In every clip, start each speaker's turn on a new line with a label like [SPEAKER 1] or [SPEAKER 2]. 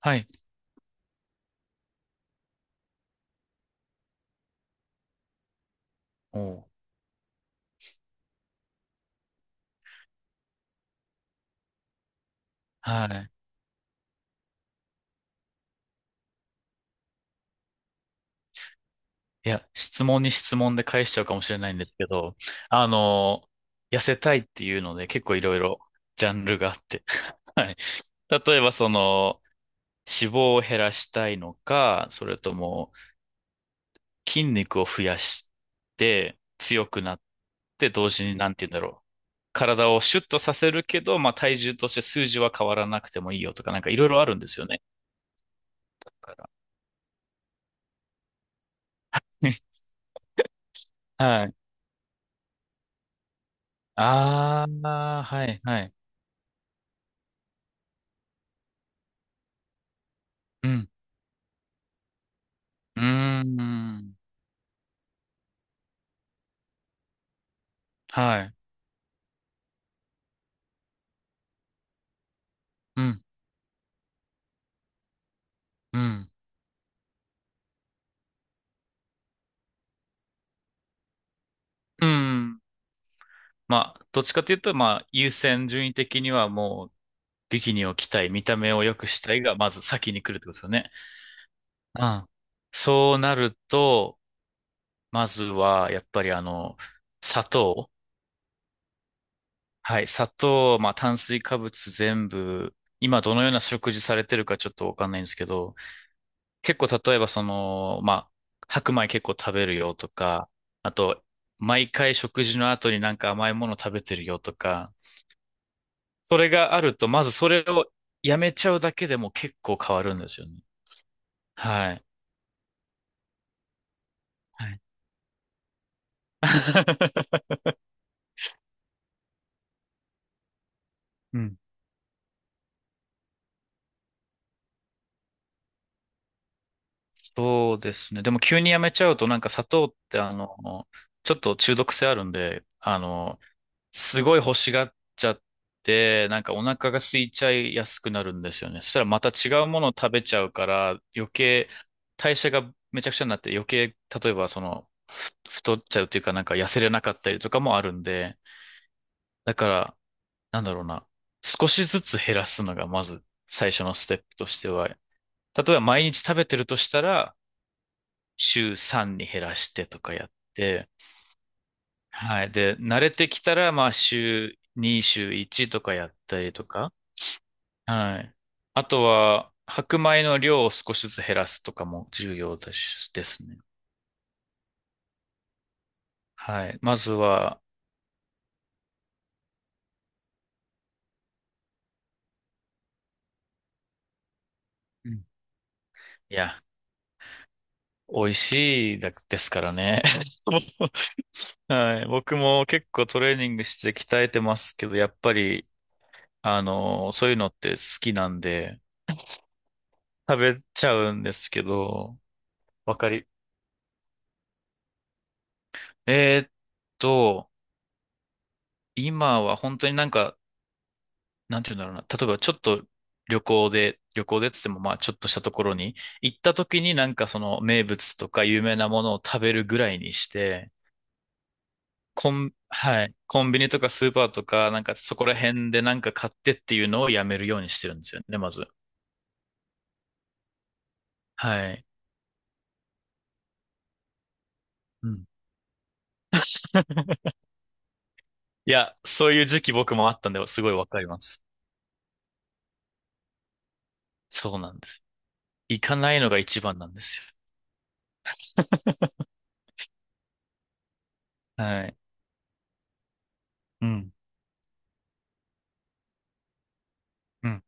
[SPEAKER 1] はい。おう。はい。いや、質問に質問で返しちゃうかもしれないんですけど、あの、痩せたいっていうので結構いろいろジャンルがあって。はい。例えばその、脂肪を減らしたいのか、それとも筋肉を増やして強くなって同時になんて言うんだろう。体をシュッとさせるけど、まあ体重として数字は変わらなくてもいいよとか、なんかいろいろあるんですよね。だから。はい。ああ、はい、はい。うん。うーん。はい。うん。うん。うん。まあ、どっちかというと、まあ、優先順位的にはもう、ビキニを着たい、見た目を良くしたいが、まず先に来るってことですよね。うん。そうなると、まずは、やっぱり砂糖。はい。砂糖、まあ、炭水化物全部、今どのような食事されてるかちょっとわかんないんですけど、結構例えばその、まあ、白米結構食べるよとか、あと、毎回食事の後になんか甘いもの食べてるよとか、それがあると、まずそれをやめちゃうだけでも結構変わるんですよね。はい。はい。 うん。そうですね。でも急にやめちゃうとなんか砂糖ってちょっと中毒性あるんで、すごい欲しがっちゃって、なんかお腹が空いちゃいやすくなるんですよね。そしたらまた違うものを食べちゃうから、余計代謝がめちゃくちゃになって余計、例えばその、太っちゃうっていうかなんか痩せれなかったりとかもあるんで、だから、なんだろうな、少しずつ減らすのがまず最初のステップとしては、例えば毎日食べてるとしたら、週3に減らしてとかやって、はい。で、慣れてきたら、まあ週2、週1とかやったりとか、はい。あとは、白米の量を少しずつ減らすとかも重要だし、ですね。はい。まずは、うん。いや、美味しいだですからね。はい。僕も結構トレーニングして鍛えてますけど、やっぱり、そういうのって好きなんで、食べちゃうんですけど、わかり。えーっと、今は本当になんかなんて言うんだろうな。例えばちょっと旅行で、旅行でっつってもまあちょっとしたところに行った時になんかその名物とか有名なものを食べるぐらいにして、はい、コンビニとかスーパーとかなんかそこら辺でなんか買ってっていうのをやめるようにしてるんですよね、まず。はい。うん。いや、そういう時期僕もあったんで、すごいわかります。そうなんです。行かないのが一番なんですよ。はい。うん。うん。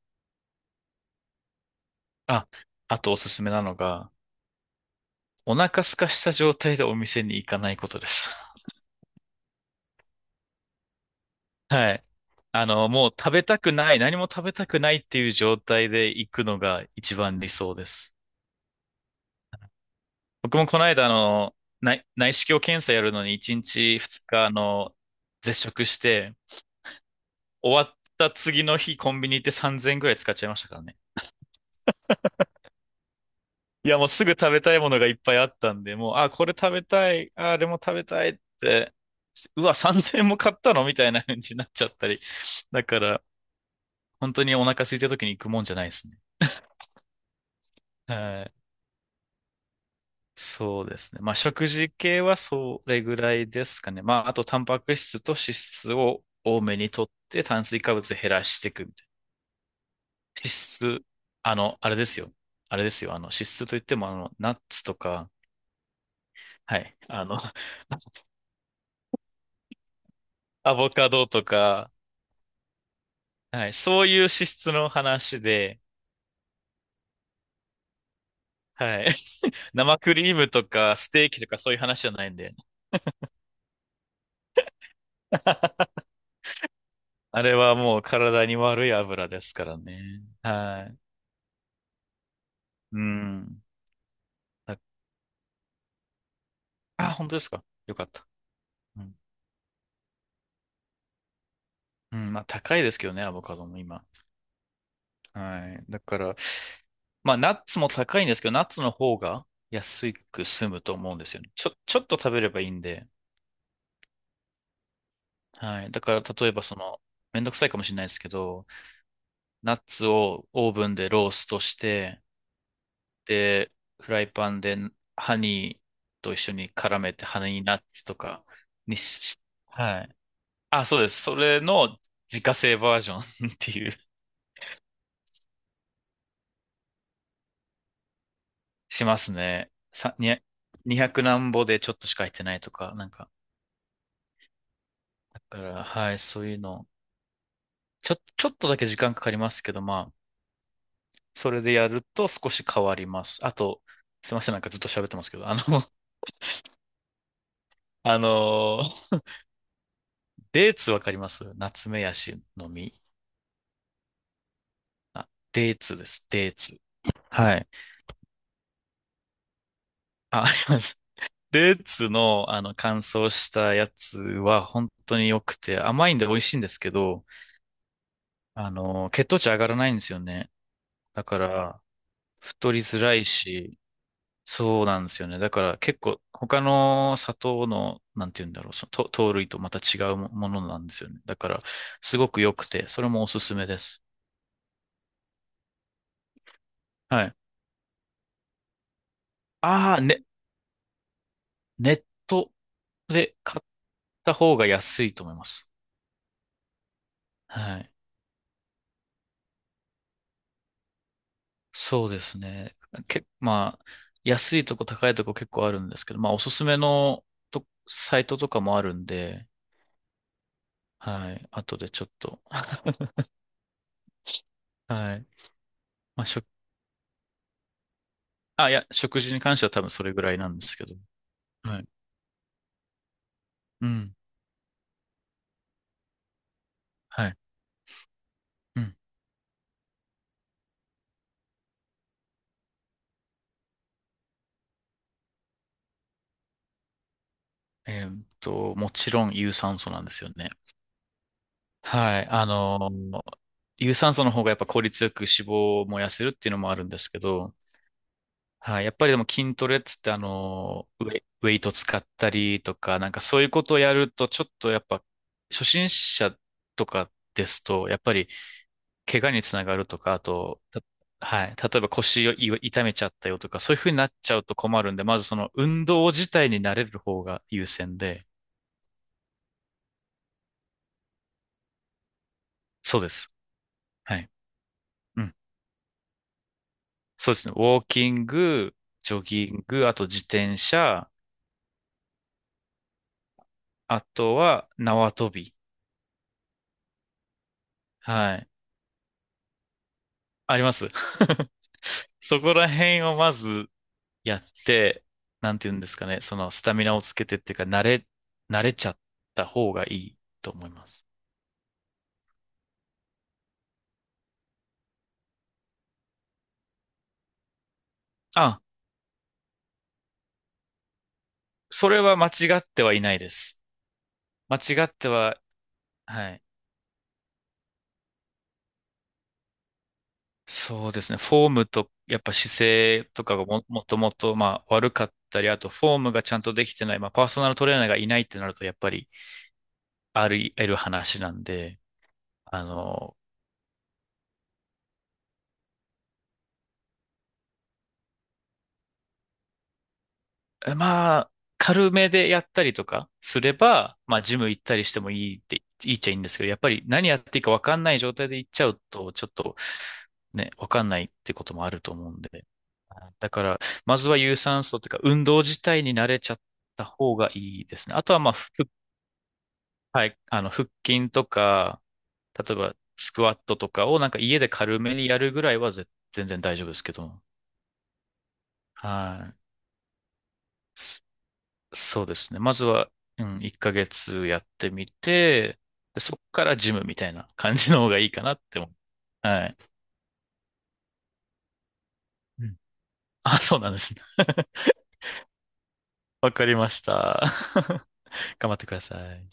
[SPEAKER 1] あ、あとおすすめなのが、お腹空かした状態でお店に行かないことです。はい。あの、もう食べたくない、何も食べたくないっていう状態で行くのが一番理想です。僕もこの間、内視鏡検査やるのに1日2日、絶食して、終わった次の日コンビニ行って3000円ぐらい使っちゃいましたからね。いや、もうすぐ食べたいものがいっぱいあったんで、もう、あ、これ食べたい、あ、あれも食べたいって、うわ、3000円も買ったのみたいな感じになっちゃったり。だから、本当にお腹空いた時に行くもんじゃないですね。はい。そうですね。まあ、食事系はそれぐらいですかね。まあ、あと、タンパク質と脂質を多めにとって、炭水化物減らしていくみたいな。脂質、あれですよ。あれですよ。脂質といっても、ナッツとか、はい。アボカドとか、はい。そういう脂質の話で、はい。生クリームとか、ステーキとかそういう話じゃないんで。あれはもう体に悪い油ですからね。はい。うん。あ、あ本当ですか？よかった。うん。うん、まあ高いですけどね、アボカドも今。はい。だから、まあナッツも高いんですけど、ナッツの方が安く済むと思うんですよね。ちょっと食べればいいんで。はい。だから、例えばその、めんどくさいかもしれないですけど、ナッツをオーブンでローストして、で、フライパンでハニーと一緒に絡めて、ハニーナッツとかにし、はい。あ、そうです。それの自家製バージョン っていう、しますね。さ、にひゃく、200何ぼでちょっとしか入ってないとか、なんか。だから、はい、そういうの。ちょっとだけ時間かかりますけど、まあ、それでやると少し変わります。あと、すいません、なんかずっと喋ってますけど、あの、デーツわかりますナツメヤシの実。あ、デーツです、デーツ。はい。あ、あります。ルーツの、乾燥したやつは本当に良くて、甘いんで美味しいんですけど、血糖値上がらないんですよね。だから、太りづらいし、そうなんですよね。だから結構、他の砂糖の、なんて言うんだろう、その糖類とまた違うものなんですよね。だから、すごく良くて、それもおすすめです。はい。ああ、ね、ネットで買った方が安いと思います。はい。そうですね。まあ、安いとこ高いとこ結構あるんですけど、まあ、おすすめのと、サイトとかもあるんで、はい。後でちょっと。はい。まあ、あ、いや、食事に関しては多分それぐらいなんですけど。はい。うん。はい。うん。もちろん有酸素なんですよね。はい。有酸素の方がやっぱ効率よく脂肪を燃やせるっていうのもあるんですけど、はい。やっぱりでも筋トレっつってウェイト使ったりとか、なんかそういうことをやると、ちょっとやっぱ、初心者とかですと、やっぱり怪我につながるとか、あと、はい。例えば腰を痛めちゃったよとか、そういうふうになっちゃうと困るんで、まずその運動自体に慣れる方が優先で、そうです。はい。うん。そうですね。ウォーキング、ジョギング、あと自転車、あとは縄跳び。はい。あります。そこら辺をまずやって、なんて言うんですかね、そのスタミナをつけてっていうか、慣れちゃった方がいいと思います。あ、それは間違ってはいないです。間違っては、はい。そうですね。フォームと、やっぱ姿勢とかがも、もともと、まあ、悪かったり、あと、フォームがちゃんとできてない、まあ、パーソナルトレーナーがいないってなると、やっぱり、あり得る話なんで、あの、まあ、軽めでやったりとかすれば、まあ、ジム行ったりしてもいいって、いいっちゃいいんですけど、やっぱり何やっていいかわかんない状態で行っちゃうと、ちょっとね、わかんないってこともあると思うんで。だから、まずは有酸素というか、運動自体に慣れちゃった方がいいですね。あとは、まあ、はい、腹筋とか、例えば、スクワットとかをなんか家で軽めにやるぐらいは全然大丈夫ですけど。はい。そうですね。まずは、うん、1ヶ月やってみて、で、そこからジムみたいな感じの方がいいかなって思う。はい。うん。あ、そうなんですね。わかりました。頑張ってください。